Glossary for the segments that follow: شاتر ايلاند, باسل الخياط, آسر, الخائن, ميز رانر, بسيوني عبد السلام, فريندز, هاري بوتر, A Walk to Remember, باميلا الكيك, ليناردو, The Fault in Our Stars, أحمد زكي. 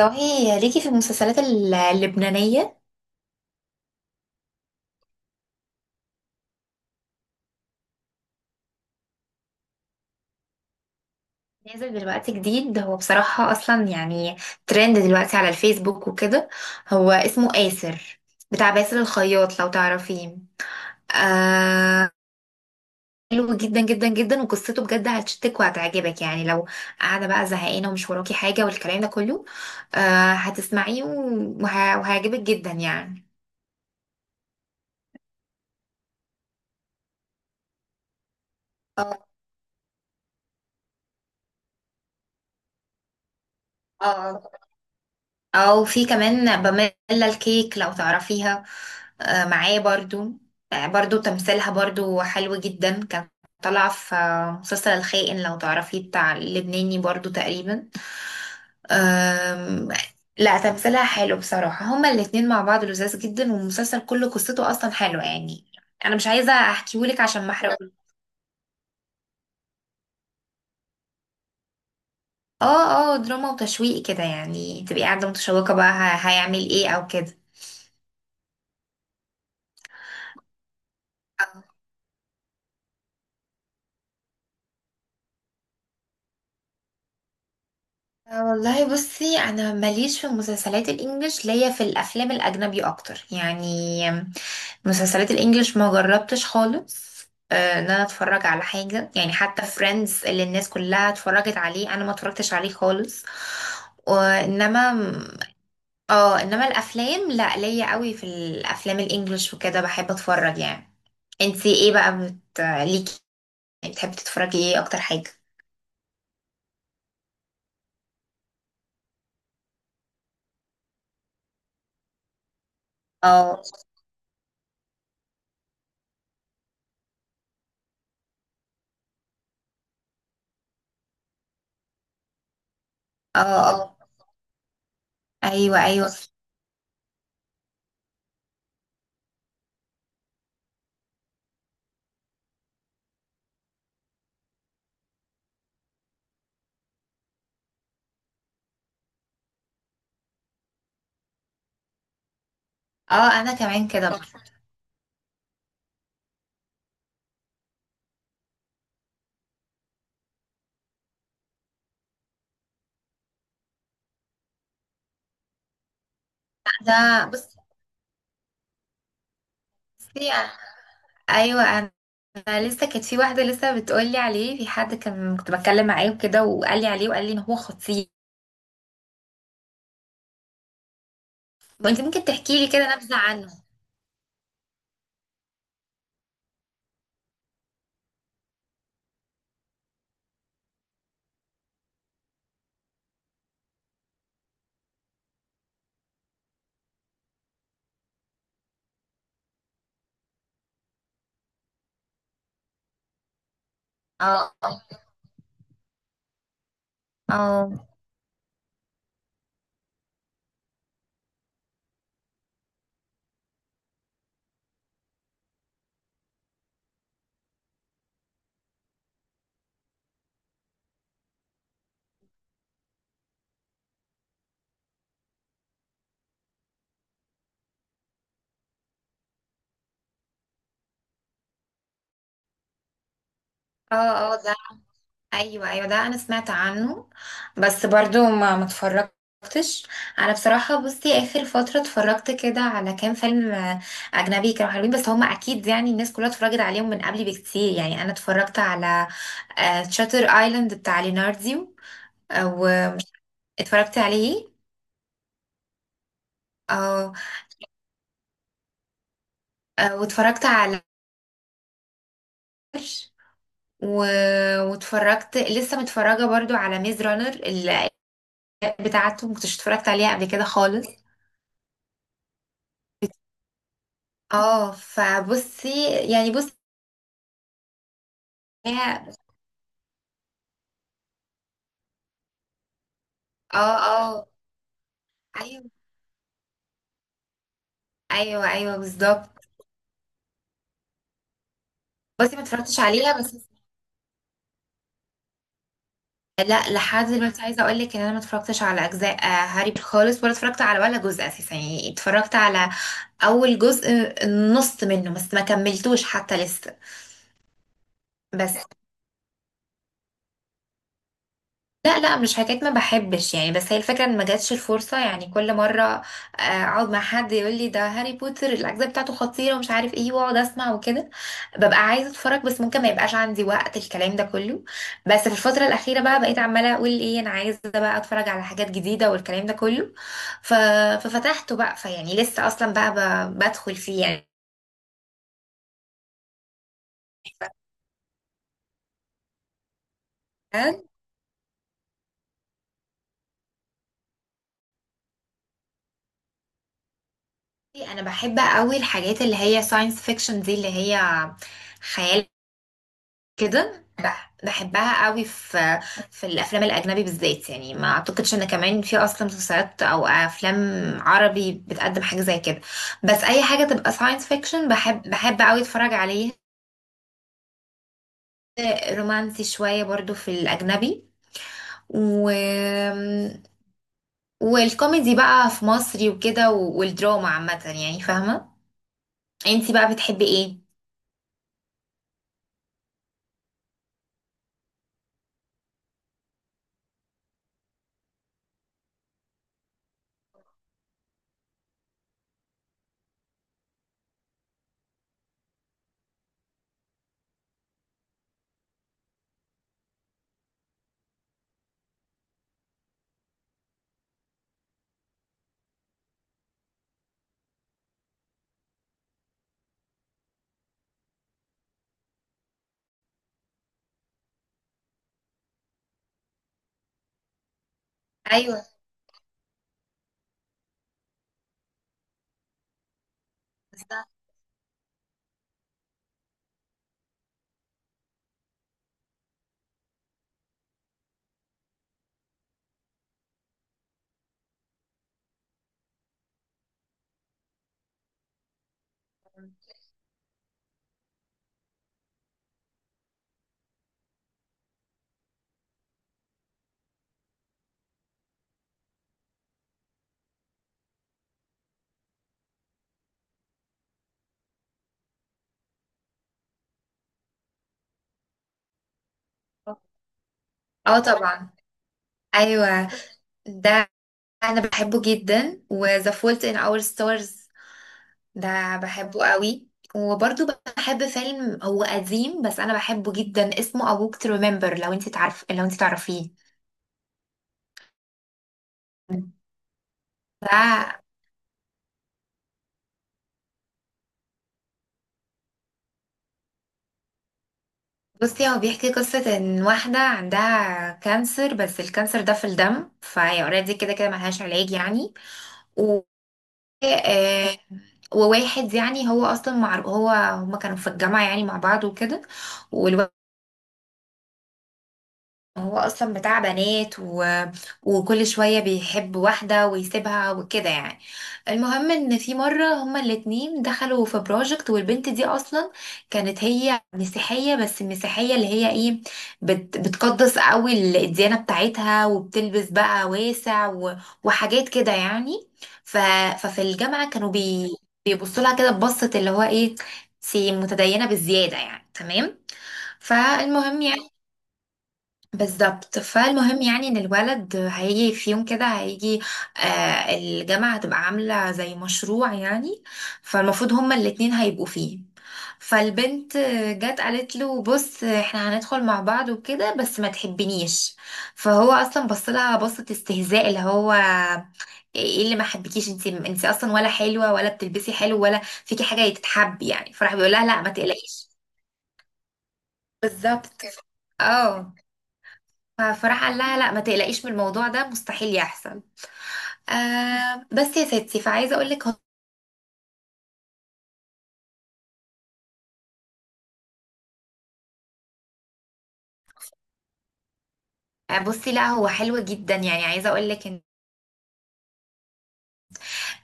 والله ليكي في المسلسلات اللبنانية. نازل دلوقتي جديد هو بصراحة أصلا يعني ترند دلوقتي على الفيسبوك وكده. هو اسمه آسر، بتاع باسل الخياط لو تعرفيه. آه، حلو جدا جدا جدا، وقصته بجد هتشتك وهتعجبك، يعني لو قاعدة بقى زهقانة ومش وراكي حاجة والكلام ده كله، آه هتسمعيه وهيعجبك جدا يعني. اه، او في كمان باميلا الكيك لو تعرفيها، معاه برضو. آه، برضو تمثيلها برضو حلو جدا، كانت طالعة في مسلسل الخائن لو تعرفيه، بتاع اللبناني برضو تقريبا. آم، لا تمثيلها حلو بصراحة، هما الاتنين مع بعض لذاذ جدا، والمسلسل كله قصته اصلا حلوة يعني. انا مش عايزة احكيهولك عشان ما احرقوش. اه اه، دراما وتشويق كده يعني، تبقي قاعدة متشوقة بقى هيعمل ايه او كده. والله بصي انا ماليش في المسلسلات الانجليش، ليا في الافلام الاجنبي اكتر يعني. مسلسلات الانجليش ما جربتش خالص آه، ان انا اتفرج على حاجه يعني، حتى فريندز اللي الناس كلها اتفرجت عليه انا ما اتفرجتش عليه خالص. وانما اه، انما الافلام لا، ليا قوي في الافلام الانجليش وكده، بحب اتفرج يعني. انتي ايه بقى ليكي، بتحبي تتفرجي ايه اكتر حاجه؟ اه اه اه. ايوه ايوه. اه انا كمان كده. طب انا بصي. ايوه انا، أنا لسه كانت في واحده لسه بتقولي عليه، في حد كان كنت بتكلم معاه وكده وقال لي عليه وقال لي ان هو خطير. وانت ممكن تحكي لي كده نبذه عنه؟ اه اه اه اه. ده ايوه ايوه، ده انا سمعت عنه بس برضو ما اتفرجتش. انا بصراحه بصي، اخر فتره اتفرجت كده على كام فيلم اجنبي كانوا حلوين، بس هم اكيد يعني الناس كلها اتفرجت عليهم من قبلي بكتير. يعني انا اتفرجت على شاتر ايلاند بتاع ليناردو، آه، واتفرجت عليه. اه، آه، واتفرجت على و... واتفرجت لسه متفرجه برضو على ميز رانر بتاعته، ما كنتش اتفرجت عليها قبل كده خالص. اه فبصي يعني بصي هي. اه اه. ايوه ايوه ايوه بالظبط. بصي ما اتفرجتش عليها بس. لا لحد دلوقتي عايزه اقول لك ان انا ما اتفرجتش على اجزاء هاري بوتر خالص، ولا اتفرجت على ولا جزء اساسا، يعني اتفرجت على اول جزء، النص منه بس ما كملتوش حتى لسه. بس لا لا، مش حكايه ما بحبش يعني، بس هي الفكره ان ما جاتش الفرصه، يعني كل مره اقعد مع حد يقول لي ده هاري بوتر الاجزاء بتاعته خطيره ومش عارف ايه، واقعد اسمع وكده، ببقى عايزه اتفرج، بس ممكن ما يبقاش عندي وقت الكلام ده كله. بس في الفتره الاخيره بقى بقيت عماله اقول ايه، انا عايزه بقى اتفرج على حاجات جديده والكلام ده كله. ف... ففتحته بقى، فيعني لسه اصلا بقى بدخل فيه. يعني انا بحب قوي الحاجات اللي هي ساينس فيكشن دي، اللي هي خيال كده، بحبها قوي في في الافلام الاجنبي بالذات يعني. ما اعتقدش ان كمان في اصلا مسلسلات او افلام عربي بتقدم حاجه زي كده، بس اي حاجه تبقى ساينس فيكشن بحب بحب قوي اتفرج عليها. رومانسي شويه برضو في الاجنبي و... والكوميدي بقى في مصري وكده، والدراما عامه، يعني فاهمه. انتي بقى بتحبي ايه؟ ايوه بالظبط. اه طبعا. ايوه ده انا بحبه جدا، و The Fault in Our Stars ده بحبه قوي. وبرضو بحب فيلم هو قديم بس انا بحبه جدا، اسمه A Walk to Remember، لو انت تعرف لو انت تعرفيه. ده بصي، هو بيحكي قصة ان واحدة عندها كانسر، بس الكانسر ده في الدم فهي اوريدي كده كده ملهاش علاج يعني. و آه، وواحد يعني، هو اصلا مع هو هما كانوا في الجامعة يعني مع بعض وكده، والولد هو اصلا بتاع بنات وكل شوية بيحب واحدة ويسيبها وكده يعني. المهم ان في مرة هما الاتنين دخلوا في بروجكت، والبنت دي اصلا كانت هي مسيحية، بس المسيحية اللي هي ايه، بتقدس قوي الديانة بتاعتها، وبتلبس بقى واسع وحاجات كده يعني. ف... ففي الجامعة كانوا بيبصوا لها كده ببصة، اللي هو ايه، سي متدينة بالزيادة يعني، تمام. فالمهم يعني، بالظبط، فالمهم يعني ان الولد هيجي في يوم كده، هيجي آه الجامعة هتبقى عاملة زي مشروع يعني، فالمفروض هما الاتنين هيبقوا فيه. فالبنت جت قالت له بص احنا هندخل مع بعض وكده، بس ما تحبنيش. فهو اصلا بص لها بصة استهزاء، اللي هو ايه اللي ما حبكيش، انت انت اصلا ولا حلوة ولا بتلبسي حلو ولا فيكي حاجة تتحب يعني، فراح بيقول لها لا ما تقلقيش. بالظبط. اه. فراح قال لها لا ما تقلقيش، من الموضوع ده مستحيل يحصل. آه بس يا ستي، فعايزه اقول لك، بصي لا هو حلو جدا يعني، عايزه اقول لك ان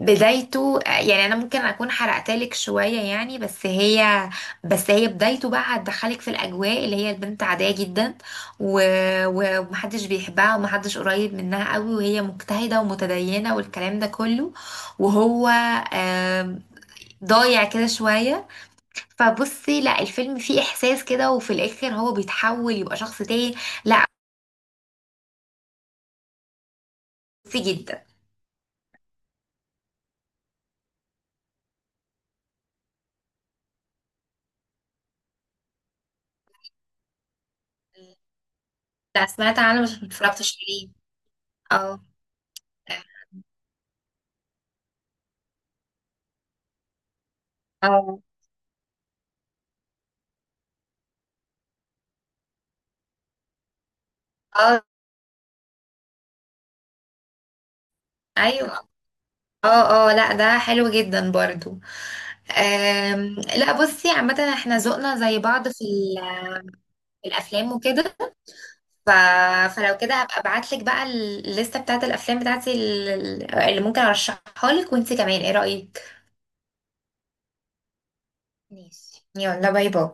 بدايته يعني انا ممكن اكون حرقت لك شويه يعني، بس هي بس هي بدايته بقى هتدخلك في الاجواء، اللي هي البنت عاديه جدا و... ومحدش بيحبها، ومحدش قريب منها قوي، وهي مجتهده ومتدينه والكلام ده كله، وهو آه ضايع كده شويه. فبصي لا، الفيلم فيه احساس كده، وفي الاخر هو بيتحول يبقى شخص تاني. لا بصي جدا. لا سمعت عنه بس متفرجتش عليه. اه اه اه. ايوه. اه اه، لا ده حلو جدا برضو. أم لا بصي، عامة احنا ذوقنا زي بعض في في الافلام وكده. ف... فلو كده هبقى ابعتلك بقى الليستة بتاعت الافلام بتاعتي اللي ممكن ارشحها لك، وانتي كمان ايه رأيك؟ ماشي. يلا باي باي.